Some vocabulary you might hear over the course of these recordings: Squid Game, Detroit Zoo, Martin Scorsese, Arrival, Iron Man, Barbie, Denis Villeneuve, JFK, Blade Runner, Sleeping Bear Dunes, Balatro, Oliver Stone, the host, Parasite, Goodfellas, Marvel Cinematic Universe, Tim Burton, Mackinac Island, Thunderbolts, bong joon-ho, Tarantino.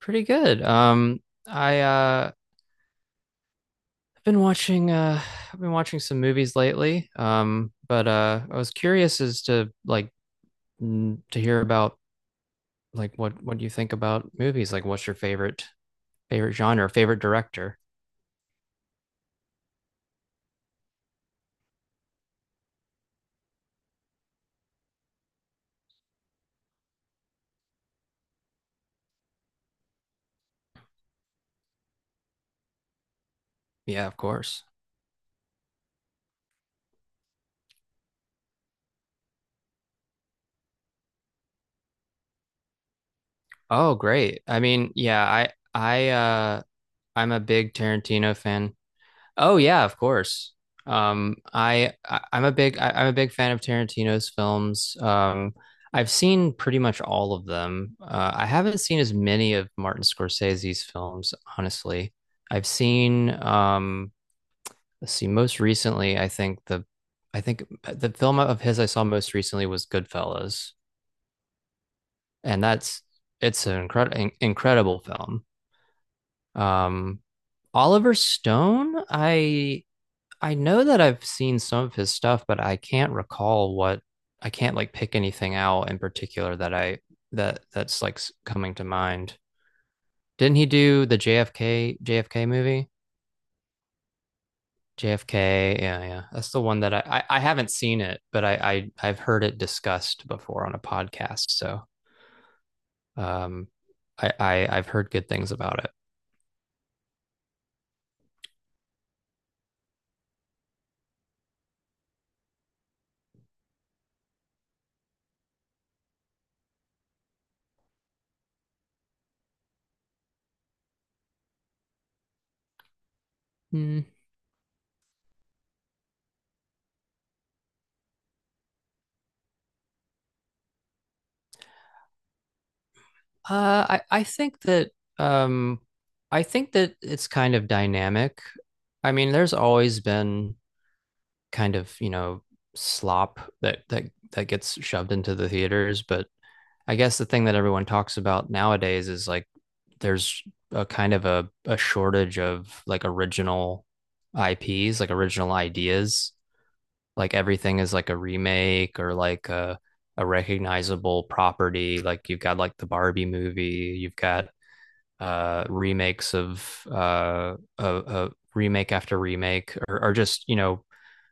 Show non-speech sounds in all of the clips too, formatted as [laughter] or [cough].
Pretty good. I uh I've been watching I've been watching some movies lately. But I was curious as to to hear about like what you think about movies. Like what's your favorite favorite genre, favorite director? Yeah, of course. Oh, great. I'm a big Tarantino fan. Oh yeah, of course. I'm a big fan of Tarantino's films. I've seen pretty much all of them. I haven't seen as many of Martin Scorsese's films, honestly. I've seen, let's see, most recently, I think the film of his I saw most recently was Goodfellas, and that's It's an incredible film. Um, Oliver Stone, I know that I've seen some of his stuff, but I can't like pick anything out in particular that I that that's like coming to mind. Didn't he do the JFK movie? JFK, yeah, yeah. That's the one that I haven't seen it, but I've heard it discussed before on a podcast. So um I, I I've heard good things about it. Hmm. I think that um, I think that it's kind of dynamic. I mean, there's always been kind of, you know, slop that gets shoved into the theaters, but I guess the thing that everyone talks about nowadays is like there's a kind of a shortage of like original IPs, like original ideas. Like everything is like a remake or like a recognizable property. Like you've got like the Barbie movie, you've got remakes of a remake after remake, or just you know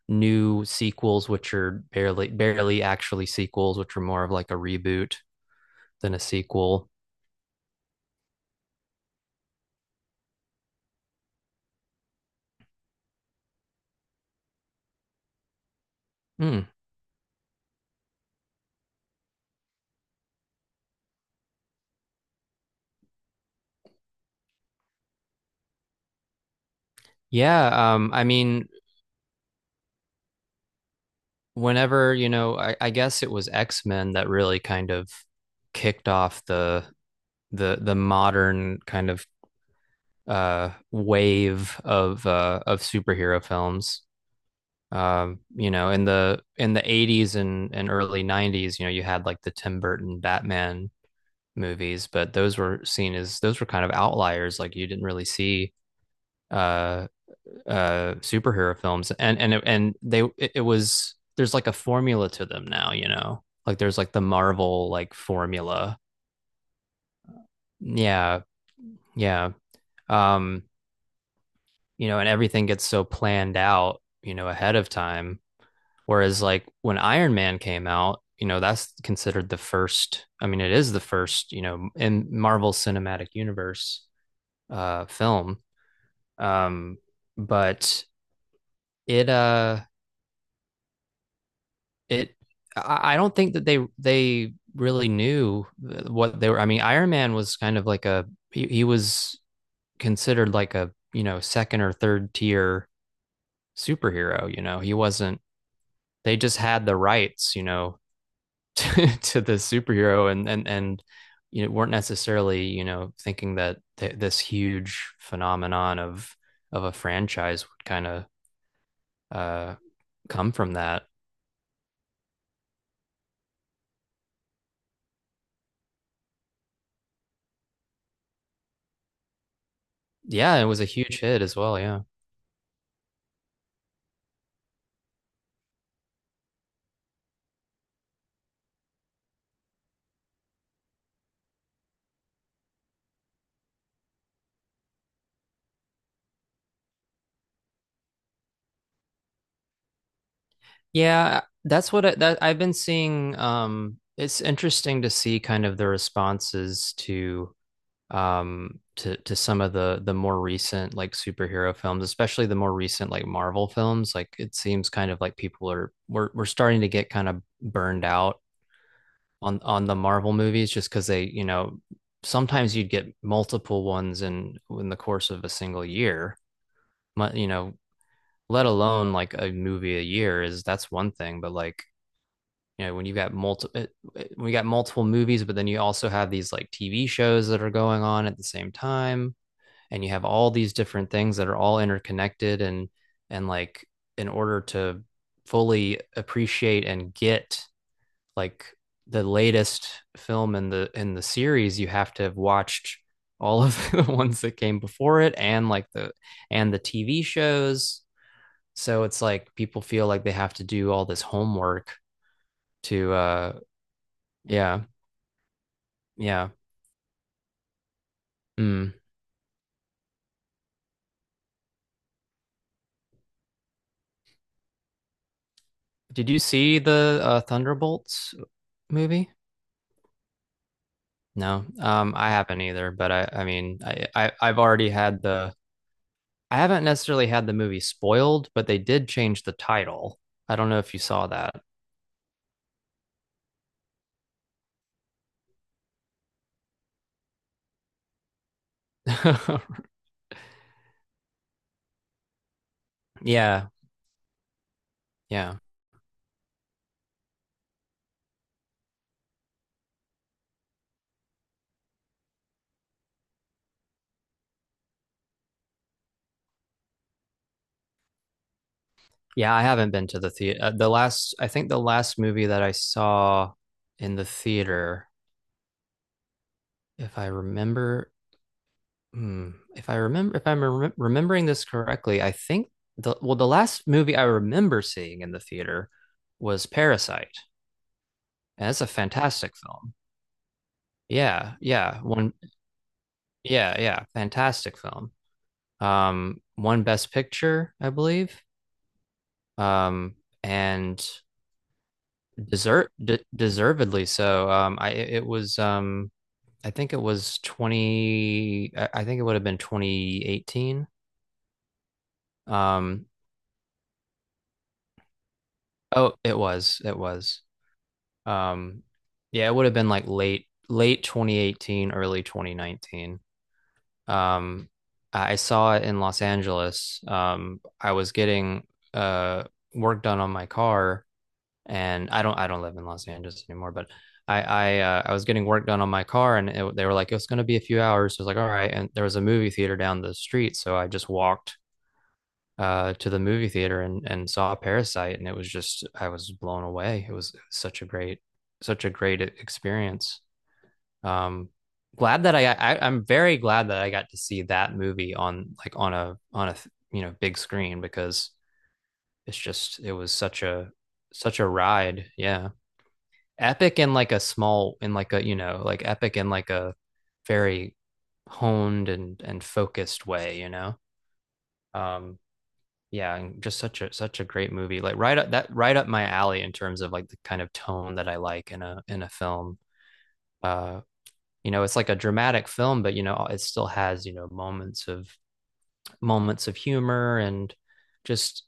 new sequels which are barely actually sequels which are more of like a reboot than a sequel. Hmm. yeah um i mean Whenever you know I guess it was X-Men that really kind of kicked off the the modern kind of wave of superhero films. Um, you know, in the 80s and early 90s you know you had like the Tim Burton Batman movies, but those were seen as those were kind of outliers. Like you didn't really see uh superhero films, and they it, it was there's like a formula to them now, you know, like there's like the Marvel like formula. yeah yeah um you know, and everything gets so planned out, you know, ahead of time. Whereas like when Iron Man came out, you know, that's considered the first, I mean, it is the first, you know, in Marvel Cinematic Universe film. Um, but it it I don't think that they really knew what they were. I mean, Iron Man was kind of like a he was considered like a you know second or third tier superhero. You know, he wasn't they just had the rights, you know, [laughs] to the superhero and you know weren't necessarily you know thinking that this huge phenomenon of a franchise would kind of uh come from that. Yeah, it was a huge hit as well. Yeah, yeah, that's what I've been seeing. It's interesting to see kind of the responses to some of the more recent like superhero films, especially the more recent like Marvel films. Like it seems kind of like people are we're starting to get kind of burned out on the Marvel movies, just cuz they you know sometimes you'd get multiple ones in the course of a single year, you know, let alone like a movie a year is that's one thing, but like you know when you got multiple we got multiple movies, but then you also have these like TV shows that are going on at the same time, and you have all these different things that are all interconnected and like in order to fully appreciate and get like the latest film in the series you have to have watched all of [laughs] the ones that came before it and like the and the TV shows, so it's like people feel like they have to do all this homework to yeah yeah mm. Did you see the Thunderbolts movie? No, I haven't either, but I've already had I haven't necessarily had the movie spoiled, but they did change the title. I don't know if you saw that. [laughs] Yeah, yeah, yeah. I haven't been to the theater. I think the last movie that I saw in the theater, if I remember, hmm, if I remember, if I'm rem remembering this correctly, I think the, well, the last movie I remember seeing in the theater was Parasite, and it's a fantastic film. Yeah, yeah, one, yeah, fantastic film. One Best Picture, I believe. Um, and desert de Deservedly so. I think it was 20, I I think it would have been 2018. Um, oh, it was, it was. Um, yeah, it would have been like late 2018, early 2019. Um, I saw it in Los Angeles. I was getting uh work done on my car, and I don't live in Los Angeles anymore, but I was getting work done on my car, and it, they were like it's going to be a few hours. So I was like, all right, and there was a movie theater down the street, so I just walked to the movie theater and saw Parasite, and it was just I was blown away. It was such a great experience. Um glad that I, I i'm very glad that I got to see that movie on like on a you know big screen, because it's just it was such a such a ride, yeah, epic in like a small, in like a you know, like epic in like a very honed and focused way, you know. um yeah, and just such a such a great movie, like right up that right up my alley in terms of like the kind of tone that I like in a film. uh you know, it's like a dramatic film, but you know it still has you know moments of humor and just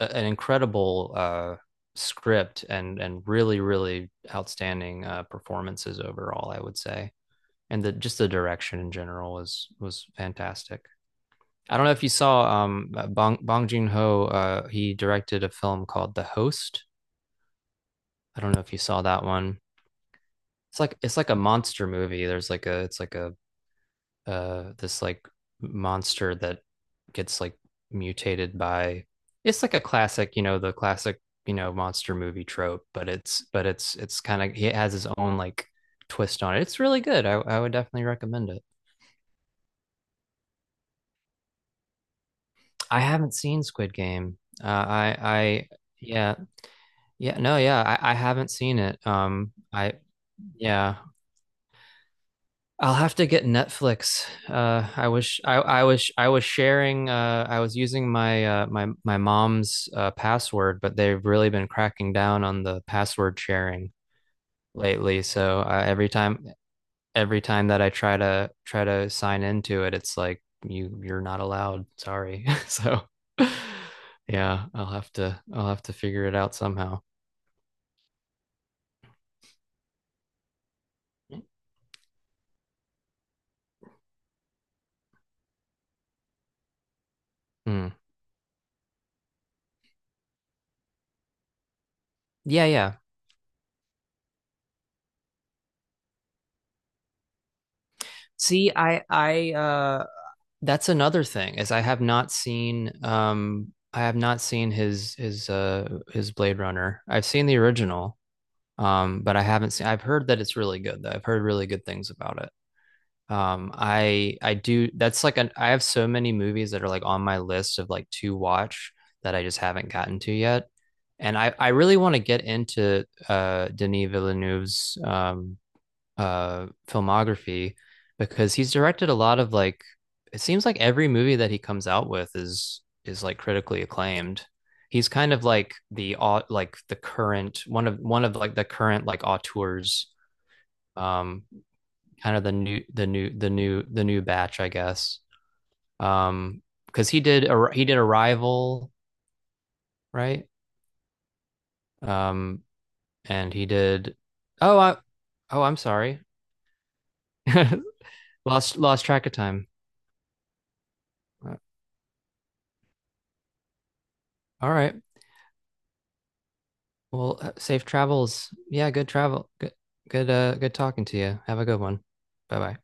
an incredible script and really really outstanding performances overall, I would say. And the just the direction in general was fantastic. I don't know if you saw Bong Joon-ho. He directed a film called The Host. I don't know if you saw that one. It's like it's like a monster movie. There's like a it's like a this like monster that gets like mutated by it's like a classic, you know, the classic, you know, monster movie trope, but it's kind of he has his own like twist on it. It's really good. I would definitely recommend it. I haven't seen Squid Game. I yeah yeah no yeah I haven't seen it. Yeah I'll have to get Netflix. I was I was sharing. I was using my my my mom's password, but they've really been cracking down on the password sharing lately. So every time that I try to try to sign into it, it's like you you're not allowed. Sorry. [laughs] So yeah, I'll have to figure it out somehow. Hmm. Yeah, yeah. See, I that's another thing is I have not seen I have not seen his Blade Runner. I've seen the original, but I haven't seen I've heard that it's really good though. I've heard really good things about it. I do that's like an I have so many movies that are like on my list of like to watch that I just haven't gotten to yet. And I really want to get into Denis Villeneuve's filmography, because he's directed a lot of like it seems like every movie that he comes out with is like critically acclaimed. He's kind of like like the current one of like the current like auteurs, um kind of the new the new batch, I guess. Um, cuz he did he did Arrival, right? Um, and he did Oh, I Oh, I'm sorry. [laughs] Lost track of time. Uh, All right. Well, safe travels. Yeah, good travel. Good, good, good talking to you. Have a good one. Bye bye.